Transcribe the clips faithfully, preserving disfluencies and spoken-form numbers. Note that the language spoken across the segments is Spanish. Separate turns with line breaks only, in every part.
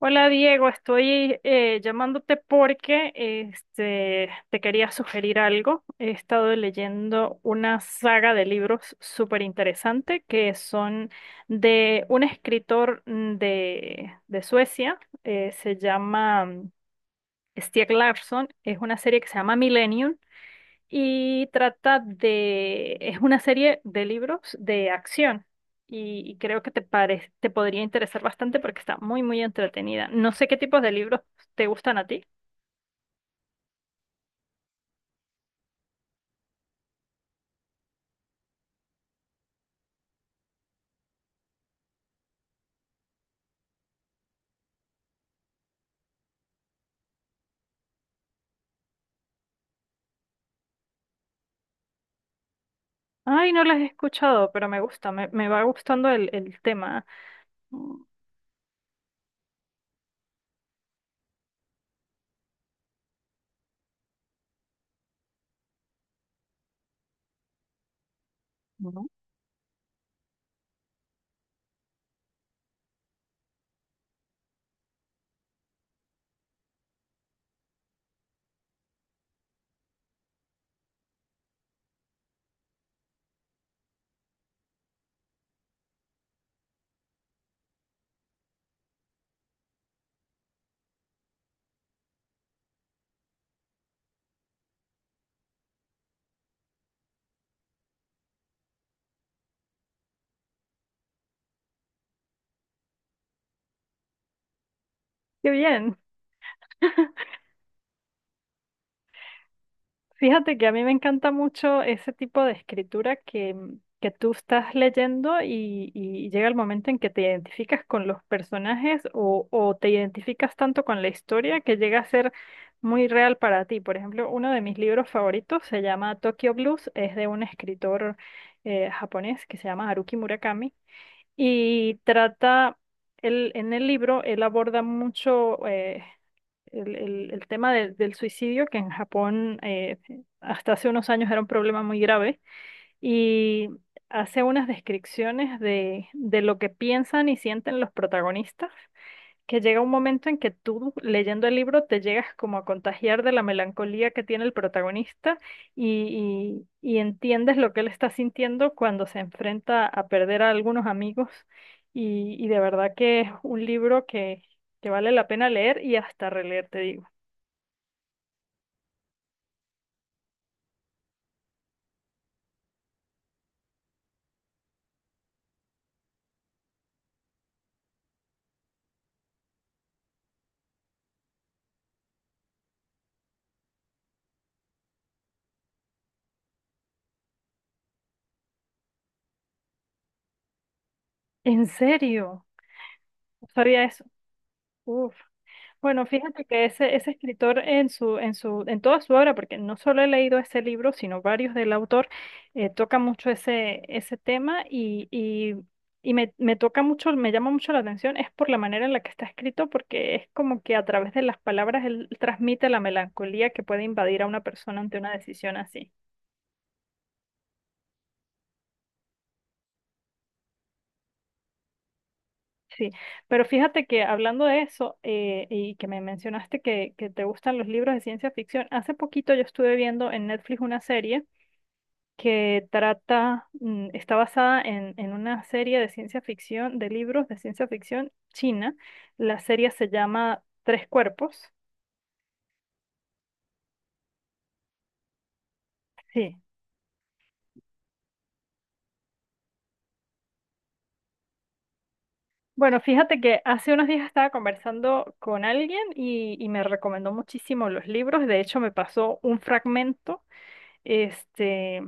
Hola Diego, estoy eh, llamándote porque este, te quería sugerir algo. He estado leyendo una saga de libros súper interesante que son de un escritor mm, de, de Suecia, eh, se llama mm, Stieg Larsson, es una serie que se llama Millennium y trata de, es una serie de libros de acción y, y creo que te pare- te podría interesar bastante porque está muy, muy entretenida. No sé qué tipos de libros te gustan a ti. Ay, no las he escuchado, pero me gusta, me, me va gustando el, el tema. Mm. Ujú. Qué bien. Fíjate que a mí me encanta mucho ese tipo de escritura que, mm, que tú estás leyendo y, y llega el momento en que te identificas con los personajes o, o te identificas tanto con la historia que llega a ser muy real para ti. Por ejemplo, uno de mis libros favoritos se llama Tokyo Blues, es de un escritor eh, japonés que se llama Haruki Murakami y trata, él, en el libro, él aborda mucho... eh, el, el- el tema de- del suicidio, que en Japón eh, hasta hace unos años era un problema muy grave, y hace unas descripciones de, de lo que piensan y sienten los protagonistas, que llega un momento en que tú leyendo el libro te llegas como a contagiar de la melancolía que tiene el protagonista y, y y entiendes lo que él está sintiendo cuando se enfrenta a perder a algunos amigos. Y, y de verdad que es un libro que, que vale la pena leer y hasta releer, te digo. ¿En serio? No sabía eso. Uf. Bueno, fíjate que ese, ese escritor en su, en su, en toda su obra, porque no solo he leído ese libro, sino varios del autor, eh, toca mucho ese, ese tema y, y, y me, me toca mucho, me llama mucho la atención, es por la manera en la que está escrito, porque es como que a través de las palabras él transmite la melancolía que puede invadir a una persona ante una decisión así. Sí, pero fíjate que hablando de eso eh, y que me mencionaste que, que te gustan los libros de ciencia ficción, hace poquito yo estuve viendo en Netflix una serie que trata, mm, está basada en, en una serie de ciencia ficción, de libros de ciencia ficción china. La serie se llama Tres Cuerpos. Sí. Bueno, fíjate que hace unos días estaba conversando con alguien y, y me recomendó muchísimo los libros. De hecho, me pasó un fragmento. Este,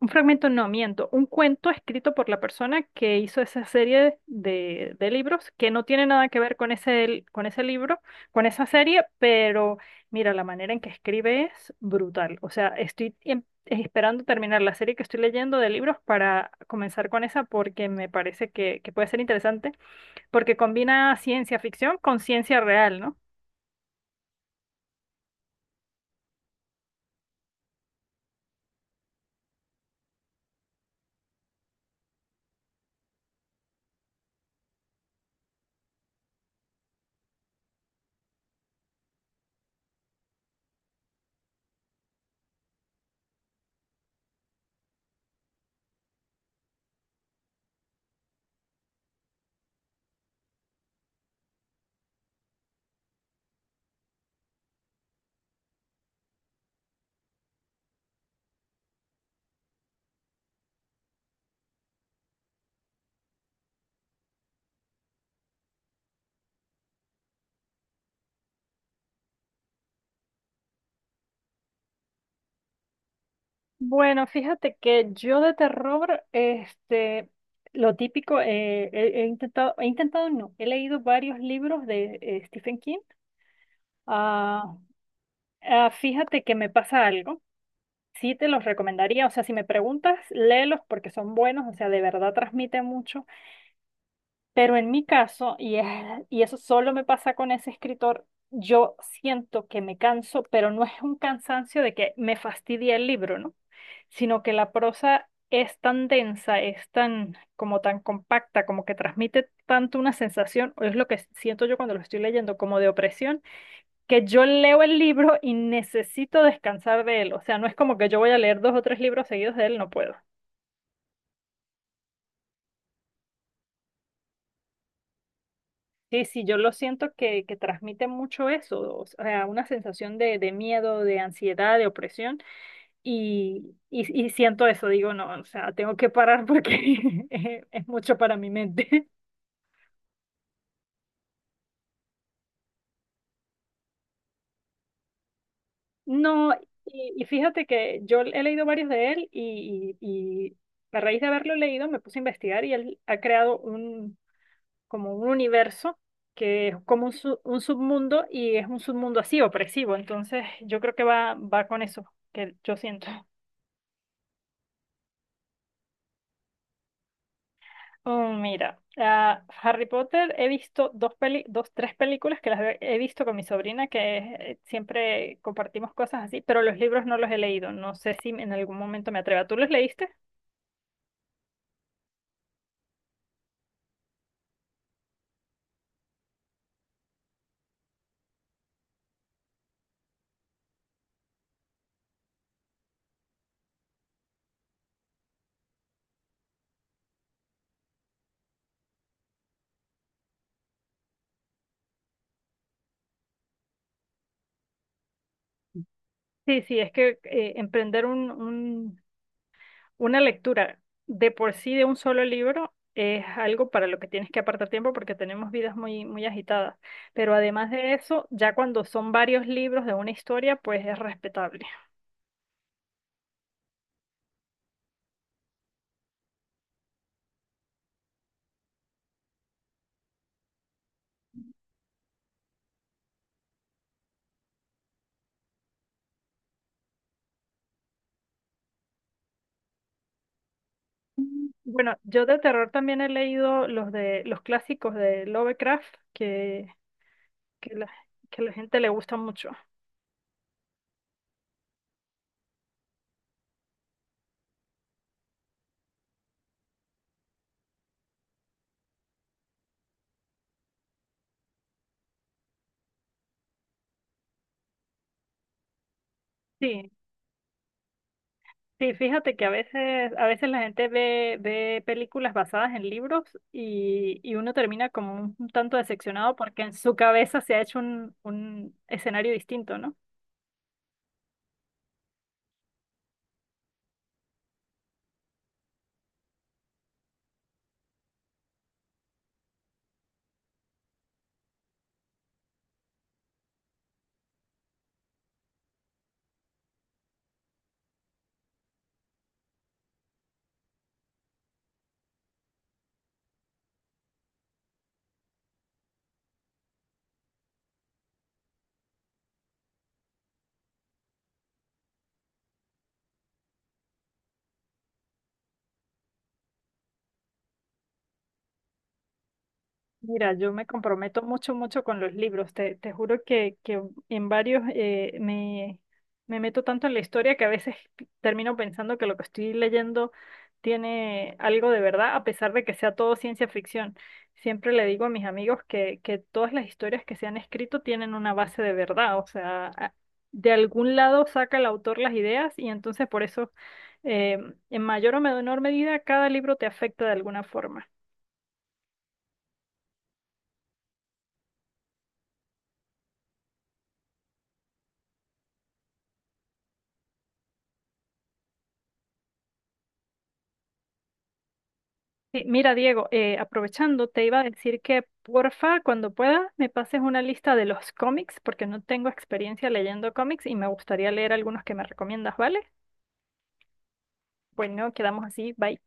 un fragmento, no, miento, un cuento escrito por la persona que hizo esa serie de, de libros que no tiene nada que ver con ese, con ese libro, con esa serie, pero mira, la manera en que escribe es brutal. O sea, estoy em- esperando terminar la serie que estoy leyendo de libros para comenzar con esa porque me parece que, que puede ser interesante, porque combina ciencia ficción con ciencia real, ¿no? Bueno, fíjate que yo de terror, este, lo típico, eh, he, he intentado, he intentado no, he leído varios libros de eh, Stephen King. Ah, ah, fíjate que me pasa algo, sí te los recomendaría, o sea, si me preguntas, léelos porque son buenos, o sea, de verdad transmite mucho. Pero en mi caso, y, es- y eso solo me pasa con ese escritor, yo siento que me canso, pero no es un cansancio de que me fastidia el libro, ¿no? Sino que la prosa es tan densa, es tan como tan compacta, como que transmite tanto una sensación, o es lo que siento yo cuando lo estoy leyendo, como de opresión, que yo leo el libro y necesito descansar de él. O sea, no es como que yo voy a leer dos o tres libros seguidos de él, no puedo. Sí, sí, yo lo siento que, que transmite mucho eso, o sea, una sensación de, de miedo, de ansiedad, de opresión, y, y, y siento eso, digo, no, o sea, tengo que parar porque es, es mucho para mi mente. No, y, y fíjate que yo he leído varios de él y, y, y a raíz de haberlo leído me puse a investigar y él ha creado un, como un universo que es como un, su- un submundo y es un submundo así, opresivo, entonces yo creo que va, va con eso que yo siento. Oh, mira, ah, Harry Potter he visto dos peli, dos, tres películas que las he he visto con mi sobrina, que eh, siempre compartimos cosas así, pero los libros no los he leído. No sé si en algún momento me atreva. ¿Tú los leíste? Sí, sí, es que eh, emprender un, un- una lectura de por sí de un solo libro es algo para lo que tienes que apartar tiempo porque tenemos vidas muy, muy agitadas. Pero además de eso, ya cuando son varios libros de una historia, pues es respetable. Bueno, yo de terror también he leído los de los clásicos de Lovecraft que, que la, que la gente le gusta mucho. Sí, sí, fíjate que a veces, a veces la gente ve, ve películas basadas en libros y, y uno termina como un, un tanto decepcionado porque en su cabeza se ha hecho un, un escenario distinto, ¿no? Mira, yo me comprometo mucho, mucho con los libros. Te, te juro que, que en varios eh, me, me meto tanto en la historia que a veces termino pensando que lo que estoy leyendo tiene algo de verdad, a pesar de que sea todo ciencia ficción. Siempre le digo a mis amigos que, que todas las historias que se han escrito tienen una base de verdad, o sea, a- de algún lado saca el autor las ideas y entonces por eso, eh, en mayor o menor medida, cada libro te afecta de alguna forma. Sí, mira, Diego, eh, aprovechando, te iba a decir que porfa, cuando puedas, me pases una lista de los cómics, porque no tengo experiencia leyendo cómics y me gustaría leer algunos que me recomiendas, ¿vale? Bueno, quedamos así, bye.